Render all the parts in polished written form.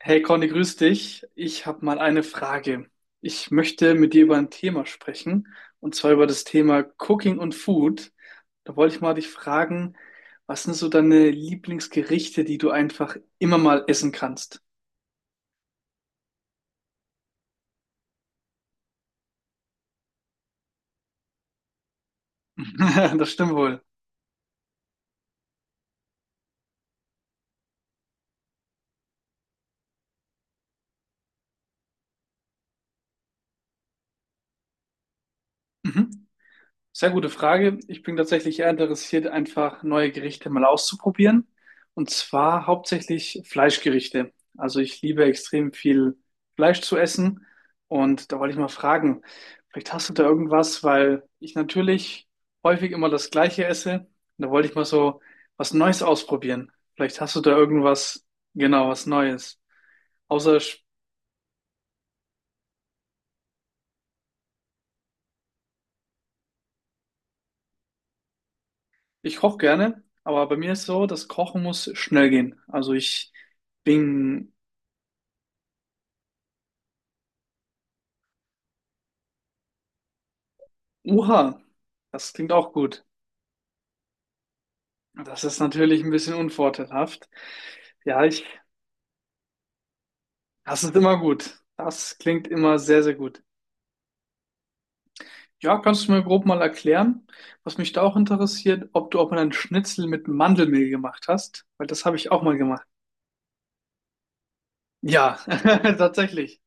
Hey Conny, grüß dich. Ich habe mal eine Frage. Ich möchte mit dir über ein Thema sprechen, und zwar über das Thema Cooking und Food. Da wollte ich mal dich fragen, was sind so deine Lieblingsgerichte, die du einfach immer mal essen kannst? Das stimmt wohl. Mhm. Sehr gute Frage. Ich bin tatsächlich eher interessiert, einfach neue Gerichte mal auszuprobieren. Und zwar hauptsächlich Fleischgerichte. Also ich liebe extrem viel Fleisch zu essen. Und da wollte ich mal fragen, vielleicht hast du da irgendwas, weil ich natürlich häufig immer das Gleiche esse. Und da wollte ich mal so was Neues ausprobieren. Vielleicht hast du da irgendwas, genau, was Neues. Außer ich, ich koche gerne, aber bei mir ist so, das Kochen muss schnell gehen. Also ich bin. Uha, das klingt auch gut. Das ist natürlich ein bisschen unvorteilhaft. Ja, ich, Das ist immer gut. Das klingt immer sehr, sehr gut. Ja, kannst du mir grob mal erklären, was mich da auch interessiert, ob du auch mal einen Schnitzel mit Mandelmehl gemacht hast? Weil das habe ich auch mal gemacht. Ja, tatsächlich.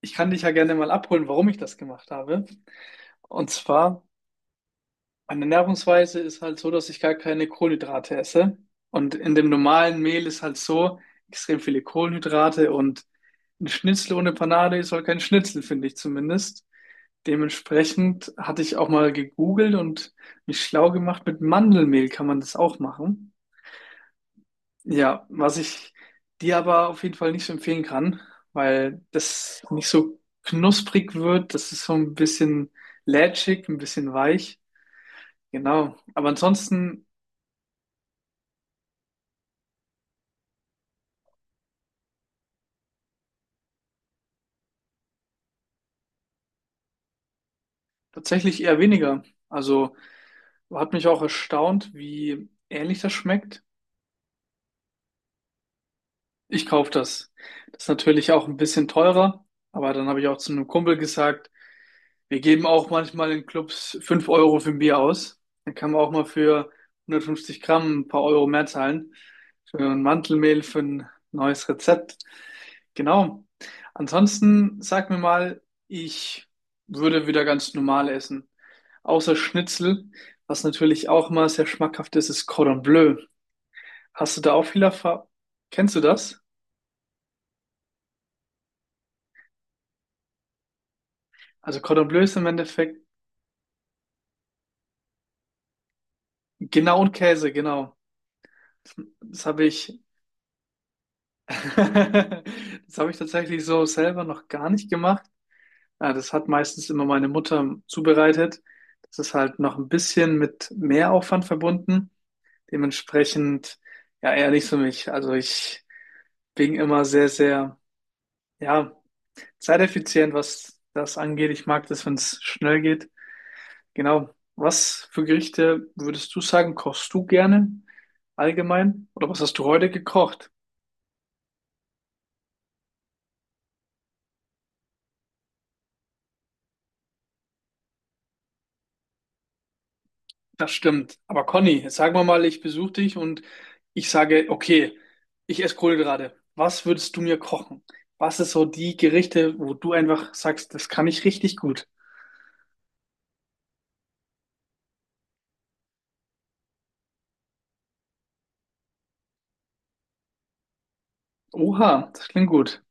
Ich kann dich ja gerne mal abholen, warum ich das gemacht habe. Und zwar meine Ernährungsweise ist halt so, dass ich gar keine Kohlenhydrate esse. Und in dem normalen Mehl ist halt so extrem viele Kohlenhydrate und ein Schnitzel ohne Panade ist halt kein Schnitzel, finde ich zumindest. Dementsprechend hatte ich auch mal gegoogelt und mich schlau gemacht. Mit Mandelmehl kann man das auch machen. Ja, was ich dir aber auf jeden Fall nicht so empfehlen kann, weil das nicht so knusprig wird. Das ist so ein bisschen lätschig, ein bisschen weich. Genau. Aber ansonsten tatsächlich eher weniger. Also hat mich auch erstaunt, wie ähnlich das schmeckt. Ich kaufe das. Das ist natürlich auch ein bisschen teurer, aber dann habe ich auch zu einem Kumpel gesagt, wir geben auch manchmal in Clubs 5 € für ein Bier aus. Dann kann man auch mal für 150 Gramm ein paar Euro mehr zahlen. Für ein Mantelmehl, für ein neues Rezept. Genau. Ansonsten sag mir mal, ich würde wieder ganz normal essen. Außer Schnitzel, was natürlich auch mal sehr schmackhaft ist, ist Cordon Bleu. Hast du da auch viel Erfahrung? Kennst du das? Also Cordon Bleu ist im Endeffekt genau und Käse, genau. Das habe das habe ich tatsächlich so selber noch gar nicht gemacht. Ja, das hat meistens immer meine Mutter zubereitet. Das ist halt noch ein bisschen mit Mehraufwand verbunden. Dementsprechend, ja, eher nicht für mich. Also ich bin immer sehr, sehr, ja, zeiteffizient, was das angeht. Ich mag das, wenn es schnell geht. Genau. Was für Gerichte würdest du sagen, kochst du gerne allgemein? Oder was hast du heute gekocht? Das stimmt. Aber Conny, jetzt sagen wir mal, ich besuche dich und ich sage, okay, ich esse Kohlenhydrate. Was würdest du mir kochen? Was ist so die Gerichte, wo du einfach sagst, das kann ich richtig gut? Oha, das klingt gut.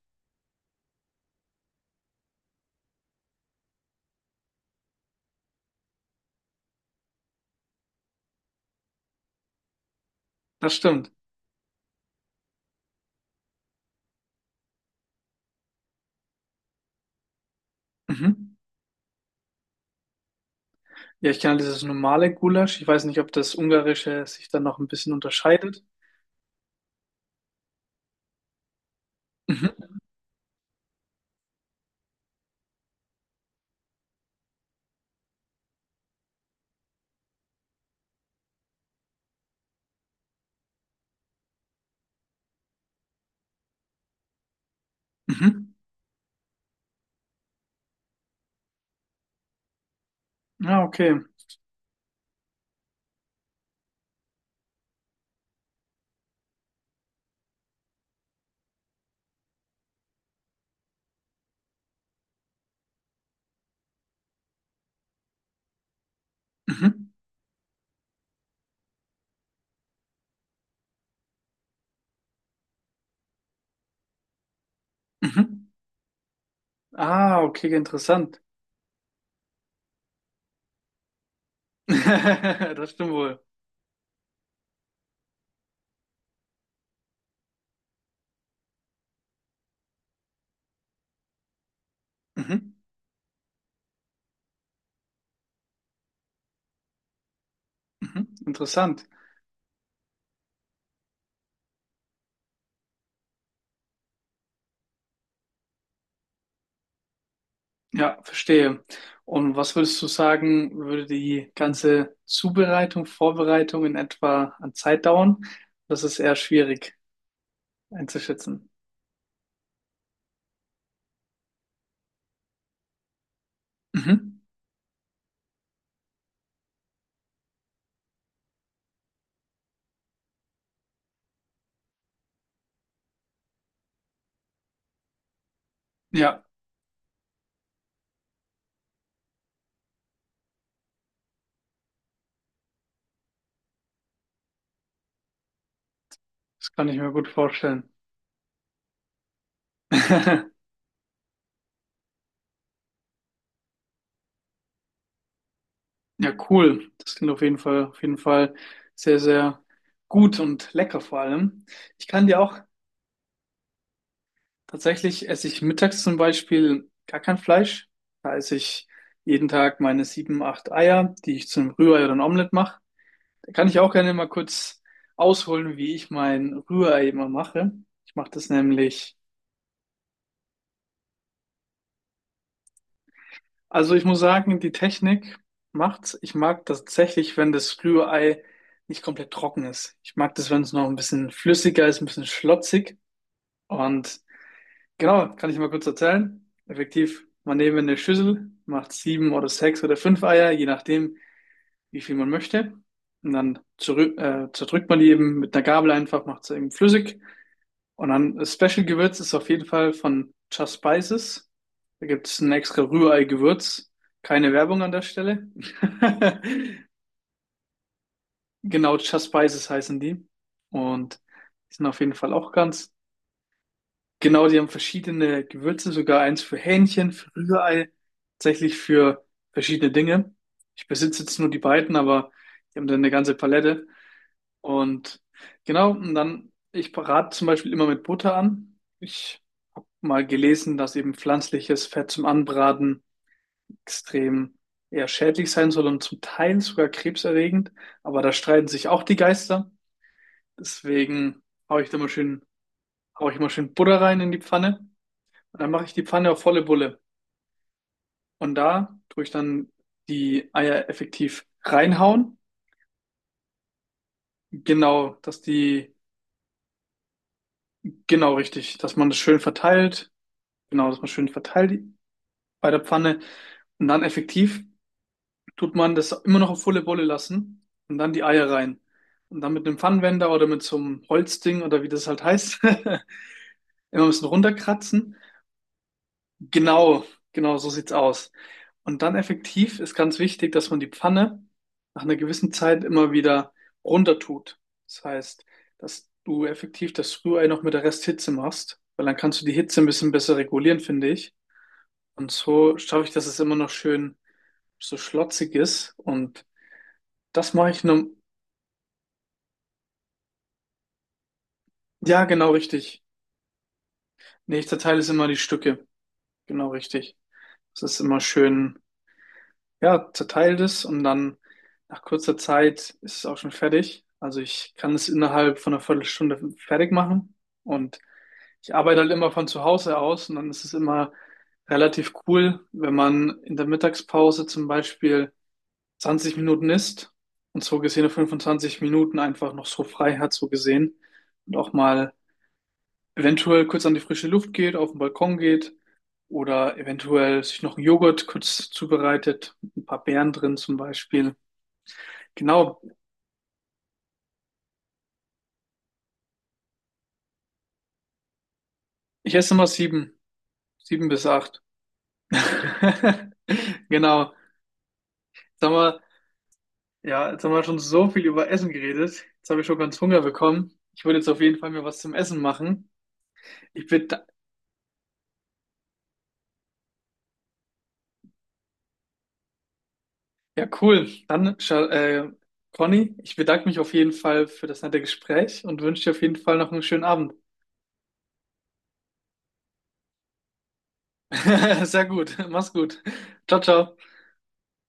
Das stimmt. Mhm. Ja, ich kenne dieses normale Gulasch. Ich weiß nicht, ob das ungarische sich dann noch ein bisschen unterscheidet. Mhm. Mhm. Ah, okay. Mhm. Mhm. Ah, okay, interessant. Das stimmt wohl. Mhm. Mhm. Interessant. Ja, verstehe. Und was würdest du sagen, würde die ganze Zubereitung, Vorbereitung in etwa an Zeit dauern? Das ist eher schwierig einzuschätzen. Mhm. Ja, das kann ich mir gut vorstellen. Ja, cool. Das klingt auf jeden Fall sehr, sehr gut und lecker vor allem. Ich kann dir auch tatsächlich esse ich mittags zum Beispiel gar kein Fleisch. Da esse ich jeden Tag meine sieben, acht Eier, die ich zum Rührei oder ein Omelett mache. Da kann ich auch gerne mal kurz ausholen, wie ich mein Rührei immer mache. Ich mache das nämlich, also ich muss sagen, die Technik macht's. Ich mag das tatsächlich, wenn das Rührei nicht komplett trocken ist. Ich mag das, wenn es noch ein bisschen flüssiger ist, ein bisschen schlotzig. Und genau, kann ich mal kurz erzählen. Effektiv, man nehme eine Schüssel, macht sieben oder sechs oder fünf Eier, je nachdem, wie viel man möchte. Und dann zerdrückt man die eben mit einer Gabel einfach, macht sie eben flüssig. Und dann das Special-Gewürz ist auf jeden Fall von Just Spices. Da gibt es ein extra Rührei-Gewürz. Keine Werbung an der Stelle. Genau, Just Spices heißen die. Und die sind auf jeden Fall auch ganz genau, die haben verschiedene Gewürze, sogar eins für Hähnchen, für Rührei, tatsächlich für verschiedene Dinge. Ich besitze jetzt nur die beiden, aber die haben dann eine ganze Palette. Und genau, und dann, ich rate zum Beispiel immer mit Butter an. Ich habe mal gelesen, dass eben pflanzliches Fett zum Anbraten extrem eher schädlich sein soll und zum Teil sogar krebserregend. Aber da streiten sich auch die Geister. Deswegen hau ich da mal schön, hau ich immer schön Butter rein in die Pfanne. Und dann mache ich die Pfanne auf volle Bulle. Und da tue ich dann die Eier effektiv reinhauen. Genau, dass die, genau richtig, dass man das schön verteilt. Genau, dass man schön verteilt bei der Pfanne. Und dann effektiv tut man das immer noch auf volle Bulle lassen und dann die Eier rein. Und dann mit einem Pfannenwender oder mit so einem Holzding oder wie das halt heißt, immer ein bisschen runterkratzen. Genau, genau, so sieht's aus. Und dann effektiv ist ganz wichtig, dass man die Pfanne nach einer gewissen Zeit immer wieder runter tut. Das heißt, dass du effektiv das Rührei noch mit der Resthitze machst, weil dann kannst du die Hitze ein bisschen besser regulieren, finde ich. Und so schaffe ich, dass es immer noch schön so schlotzig ist. Und das mache ich nur, ja, genau richtig. Nee, ich zerteile es immer in die Stücke. Genau richtig. Das ist immer schön. Ja, zerteilt es und dann nach kurzer Zeit ist es auch schon fertig. Also ich kann es innerhalb von einer Viertelstunde fertig machen und ich arbeite halt immer von zu Hause aus und dann ist es immer relativ cool, wenn man in der Mittagspause zum Beispiel 20 Minuten isst und so gesehen 25 Minuten einfach noch so frei hat, so gesehen und auch mal eventuell kurz an die frische Luft geht, auf den Balkon geht oder eventuell sich noch einen Joghurt kurz zubereitet, mit ein paar Beeren drin zum Beispiel. Genau, ich esse immer sieben bis acht. Genau, jetzt haben ja, jetzt haben wir schon so viel über Essen geredet. Jetzt habe ich schon ganz Hunger bekommen. Ich würde jetzt auf jeden Fall mir was zum Essen machen. Ich bedanke, ja, cool. Dann, Conny, ich bedanke mich auf jeden Fall für das nette Gespräch und wünsche dir auf jeden Fall noch einen schönen Abend. Sehr gut. Mach's gut. Ciao, ciao.